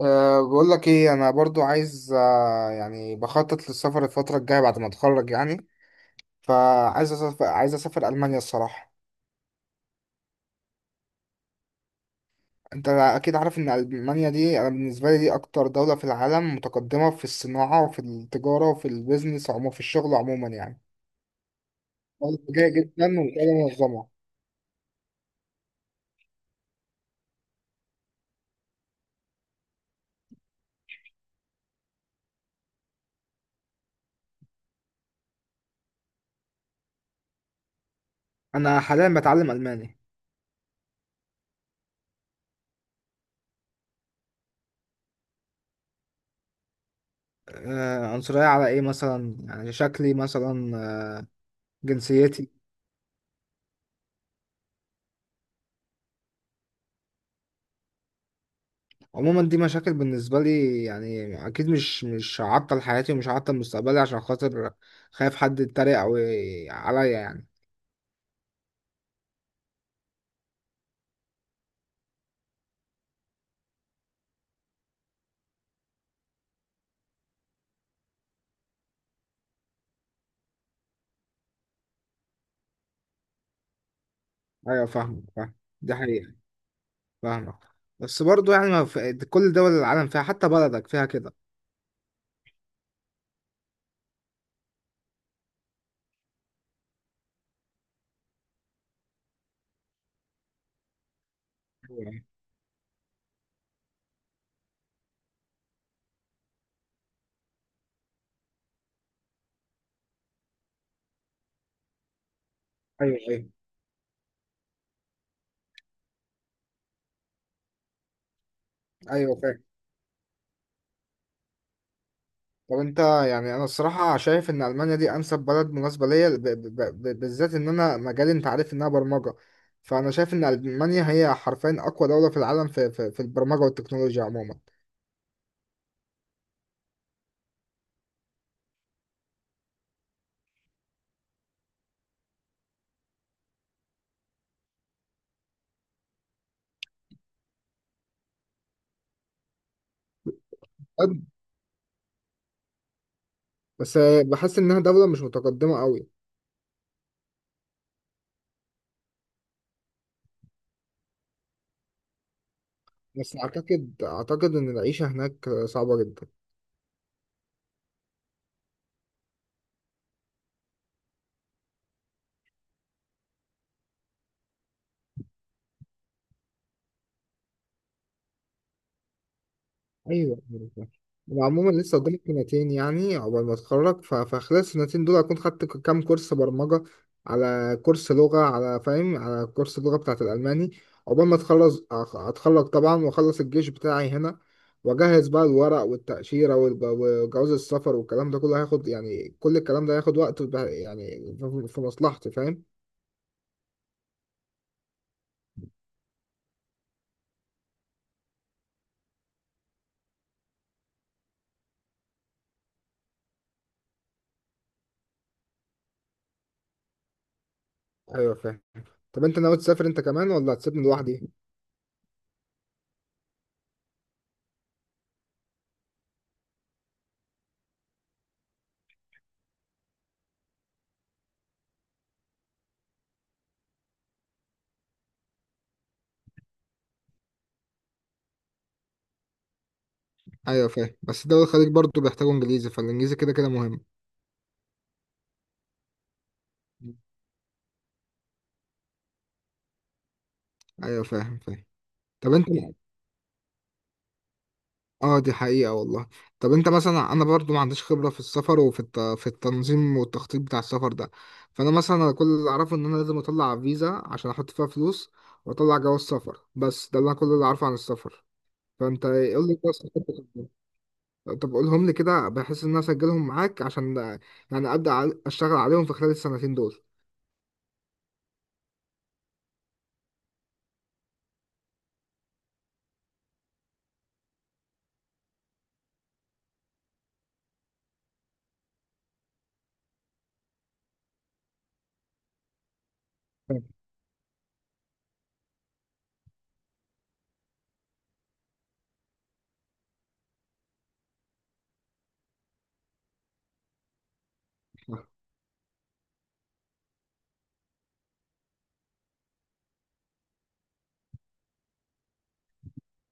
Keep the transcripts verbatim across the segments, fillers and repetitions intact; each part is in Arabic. أه بقول لك ايه؟ انا برضو عايز، أه يعني بخطط للسفر الفتره الجايه بعد ما اتخرج يعني. فعايز اسافر، عايز اسافر المانيا الصراحه. انت اكيد عارف ان المانيا دي، انا بالنسبه لي دي اكتر دوله في العالم متقدمه في الصناعه وفي التجاره وفي البيزنس عموما، في الشغل عموما يعني. بلد جايه جدا وبلد منظمه. انا حاليا بتعلم الماني. أه عنصريه على ايه مثلا؟ يعني شكلي مثلا؟ آه، جنسيتي؟ عموما دي مشاكل بالنسبة لي يعني، أكيد مش مش هعطل حياتي ومش هعطل مستقبلي عشان خاطر خايف حد يتريق أو ي- عليا يعني. أيوة فاهمك، فاهم. دي حقيقة. فاهمك. بس برضو يعني، ما في كل دول العالم فيها، حتى بلدك فيها كده. أيوة. أيوة. أيوة، فاهم. طب أنت يعني، أنا الصراحة شايف إن ألمانيا دي أنسب بلد مناسبة ليا، ب- ب- ب- بالذات إن أنا مجالي، أنت عارف إنها برمجة. فأنا شايف إن ألمانيا هي حرفيا أقوى دولة في العالم في، في, في البرمجة والتكنولوجيا عموما. بس بحس انها دولة مش متقدمة قوي. بس اعتقد اعتقد ان العيشة هناك صعبة جدا. ايوه. وعموما لسه قدامي سنتين يعني، عقبال ما اتخرج، ف- فخلال السنتين دول اكون خدت ك- كام كورس برمجة، على كورس لغة، على فاهم، على كورس اللغة بتاعت الالماني. عقبال ما اتخلص، أخ- اتخرج طبعا واخلص الجيش بتاعي هنا، واجهز بقى الورق والتأشيرة والب- وجواز السفر والكلام ده كله، هياخد يعني، كل الكلام ده هياخد وقت، وب- يعني في في مصلحتي، فاهم. ايوه فاهم. طب انت ناوي تسافر انت كمان ولا هتسيبني لوحدي؟ ايوه فاهم. بس دول الخليج برضو بيحتاجوا انجليزي، فالانجليزي كده كده مهم. ايوه فاهم، فاهم. طب انت، اه دي حقيقة والله. طب انت مثلا، انا برضو ما عنديش خبرة في السفر وفي الت... في التنظيم والتخطيط بتاع السفر ده. فانا مثلا كل اللي اعرفه، ان انا لازم اطلع فيزا عشان احط فيها فلوس واطلع جواز سفر. بس ده اللي انا، كل اللي اعرفه عن السفر، فانت قول لي بس. طب قولهم لي كده، بحيث ان انا اسجلهم معاك، عشان يعني ابدا ع- اشتغل عليهم في خلال السنتين دول.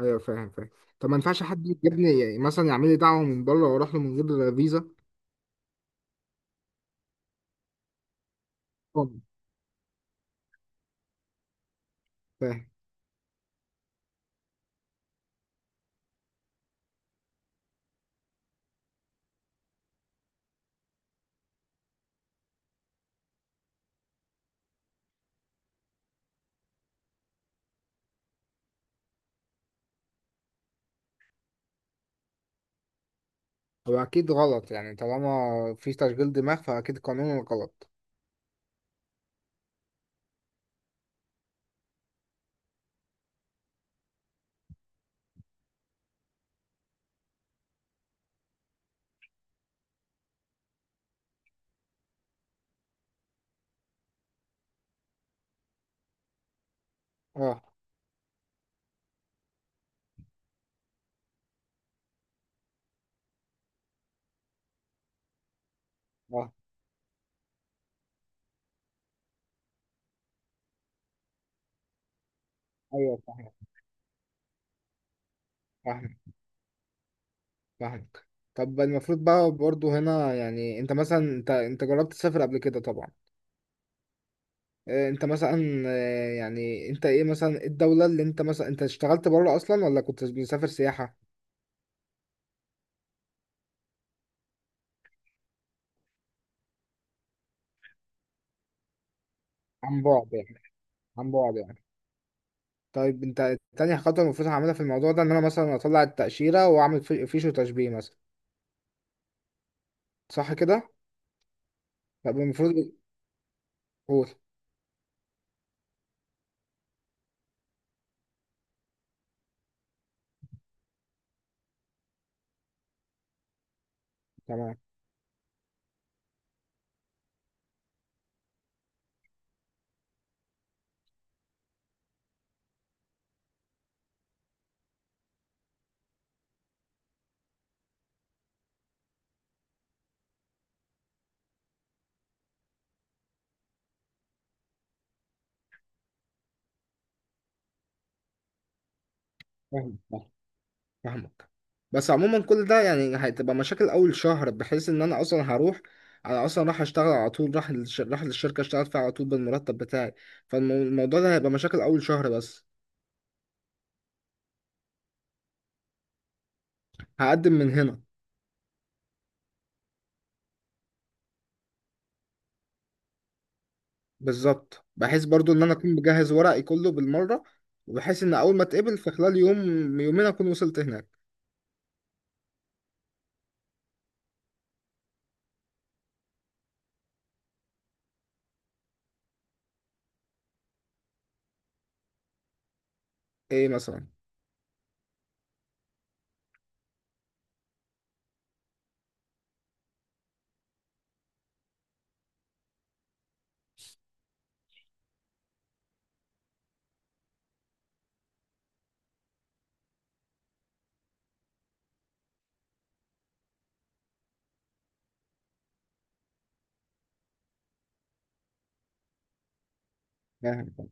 ايوه فاهم، فاهم. طب ما ينفعش حد يجيبني يعني، مثلا يعمل لي دعوه من بره واروح له من غير فيزا؟ طبعاً. فاهم. هو اكيد غلط، يعني طالما في تشغيل دماغ فاكيد قانون غلط. اه. اه. ايوه فاهم. فاهم. فاهم. طب المفروض بقى برضه هنا يعني، انت مثلا انت انت جربت تسافر قبل كده طبعا. آه، انت مثلا، آه، يعني انت ايه مثلا، إيه الدوله اللي انت مثلا، انت اشتغلت بره اصلا ولا كنت بتسافر سياحه؟ عن بعد يعني. عن بعد يعني. طيب انت، تاني خطوة المفروض هعملها في الموضوع ده ان انا مثلا اطلع التأشيرة، واعمل في- فيش وتشبيه مثلا، صح كده؟ طب المفروض، قول. تمام. فاهم، فاهم- فاهمك. بس عموما كل ده يعني هتبقى مشاكل اول شهر، بحيث ان انا اصلا هروح، انا اصلا راح اشتغل على طول، راح للش- راح للشركة اشتغل فيها على طول بالمرتب بتاعي. فالموضوع ده هيبقى مشاكل اول شهر بس. هقدم من هنا. بالظبط، بحيث برضو ان انا اكون مجهز ورقي كله بالمرة، وبحيث ان اول ما اتقبل في خلال يوم، يومين اكون وصلت هناك. ايه مثلا؟ فاهم.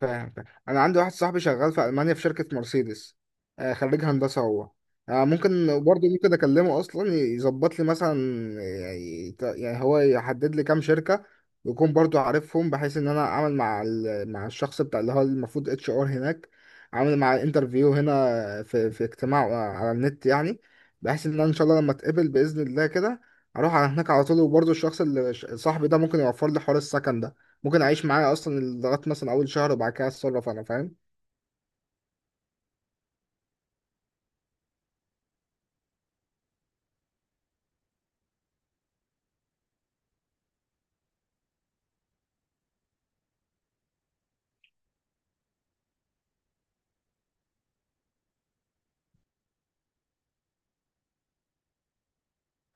فاهم. فاهم. انا عندي واحد صاحبي شغال في المانيا في شركه مرسيدس. آه، خريج هندسه هو. آه، ممكن برضه، ممكن اكلمه اصلا يظبط لي مثلا، يعني يعني هو يحدد لي كام شركه يكون برضه عارفهم، بحيث ان انا اعمل مع ال- مع الشخص بتاع، اللي هو المفروض اتش ار هناك، اعمل مع انترفيو هنا في في اجتماع آه، على النت يعني. بحيث ان انا ان شاء الله لما اتقبل باذن الله كده اروح على هناك على طول. وبرضه الشخص اللي صاحبي ده ممكن يوفر لي حوار السكن ده، ممكن اعيش معاه اصلا لغايه مثلا اول شهر وبعد كده اتصرف انا، فاهم.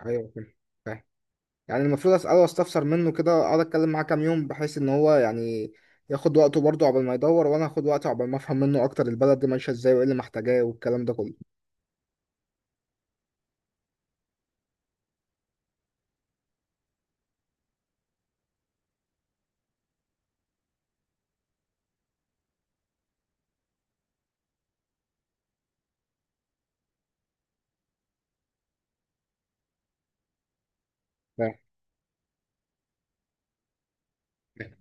ايوه فاهم، فاهم. يعني المفروض اساله واستفسر منه كده، اقعد اتكلم معاه كام يوم بحيث ان هو يعني ياخد وقته برضه عقبال ما يدور، وانا اخد وقته عقبال ما افهم منه اكتر البلد دي ماشيه ازاي وايه اللي محتاجاه والكلام ده كله. فاهم. فاهم.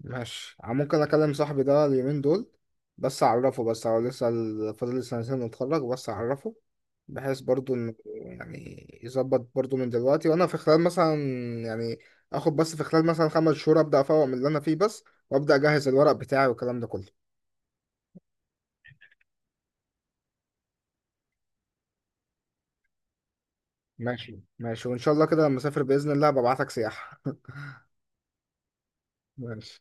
ماشي، ممكن اكلم صاحبي ده اليومين دول. بس اعرفه بس، هو لسه ال- فاضل لي سنتين نتخرج، بس اعرفه بحيث برضو انه يعني يظبط برضو من دلوقتي وانا في خلال مثلا يعني اخد بس في خلال مثلا خمس شهور ابدا افوق من اللي انا فيه بس، وابدا اجهز الورق بتاعي والكلام ده كله. ماشي ماشي، وان شاء الله كده لما اسافر باذن الله ببعتك سياحة. ماشي.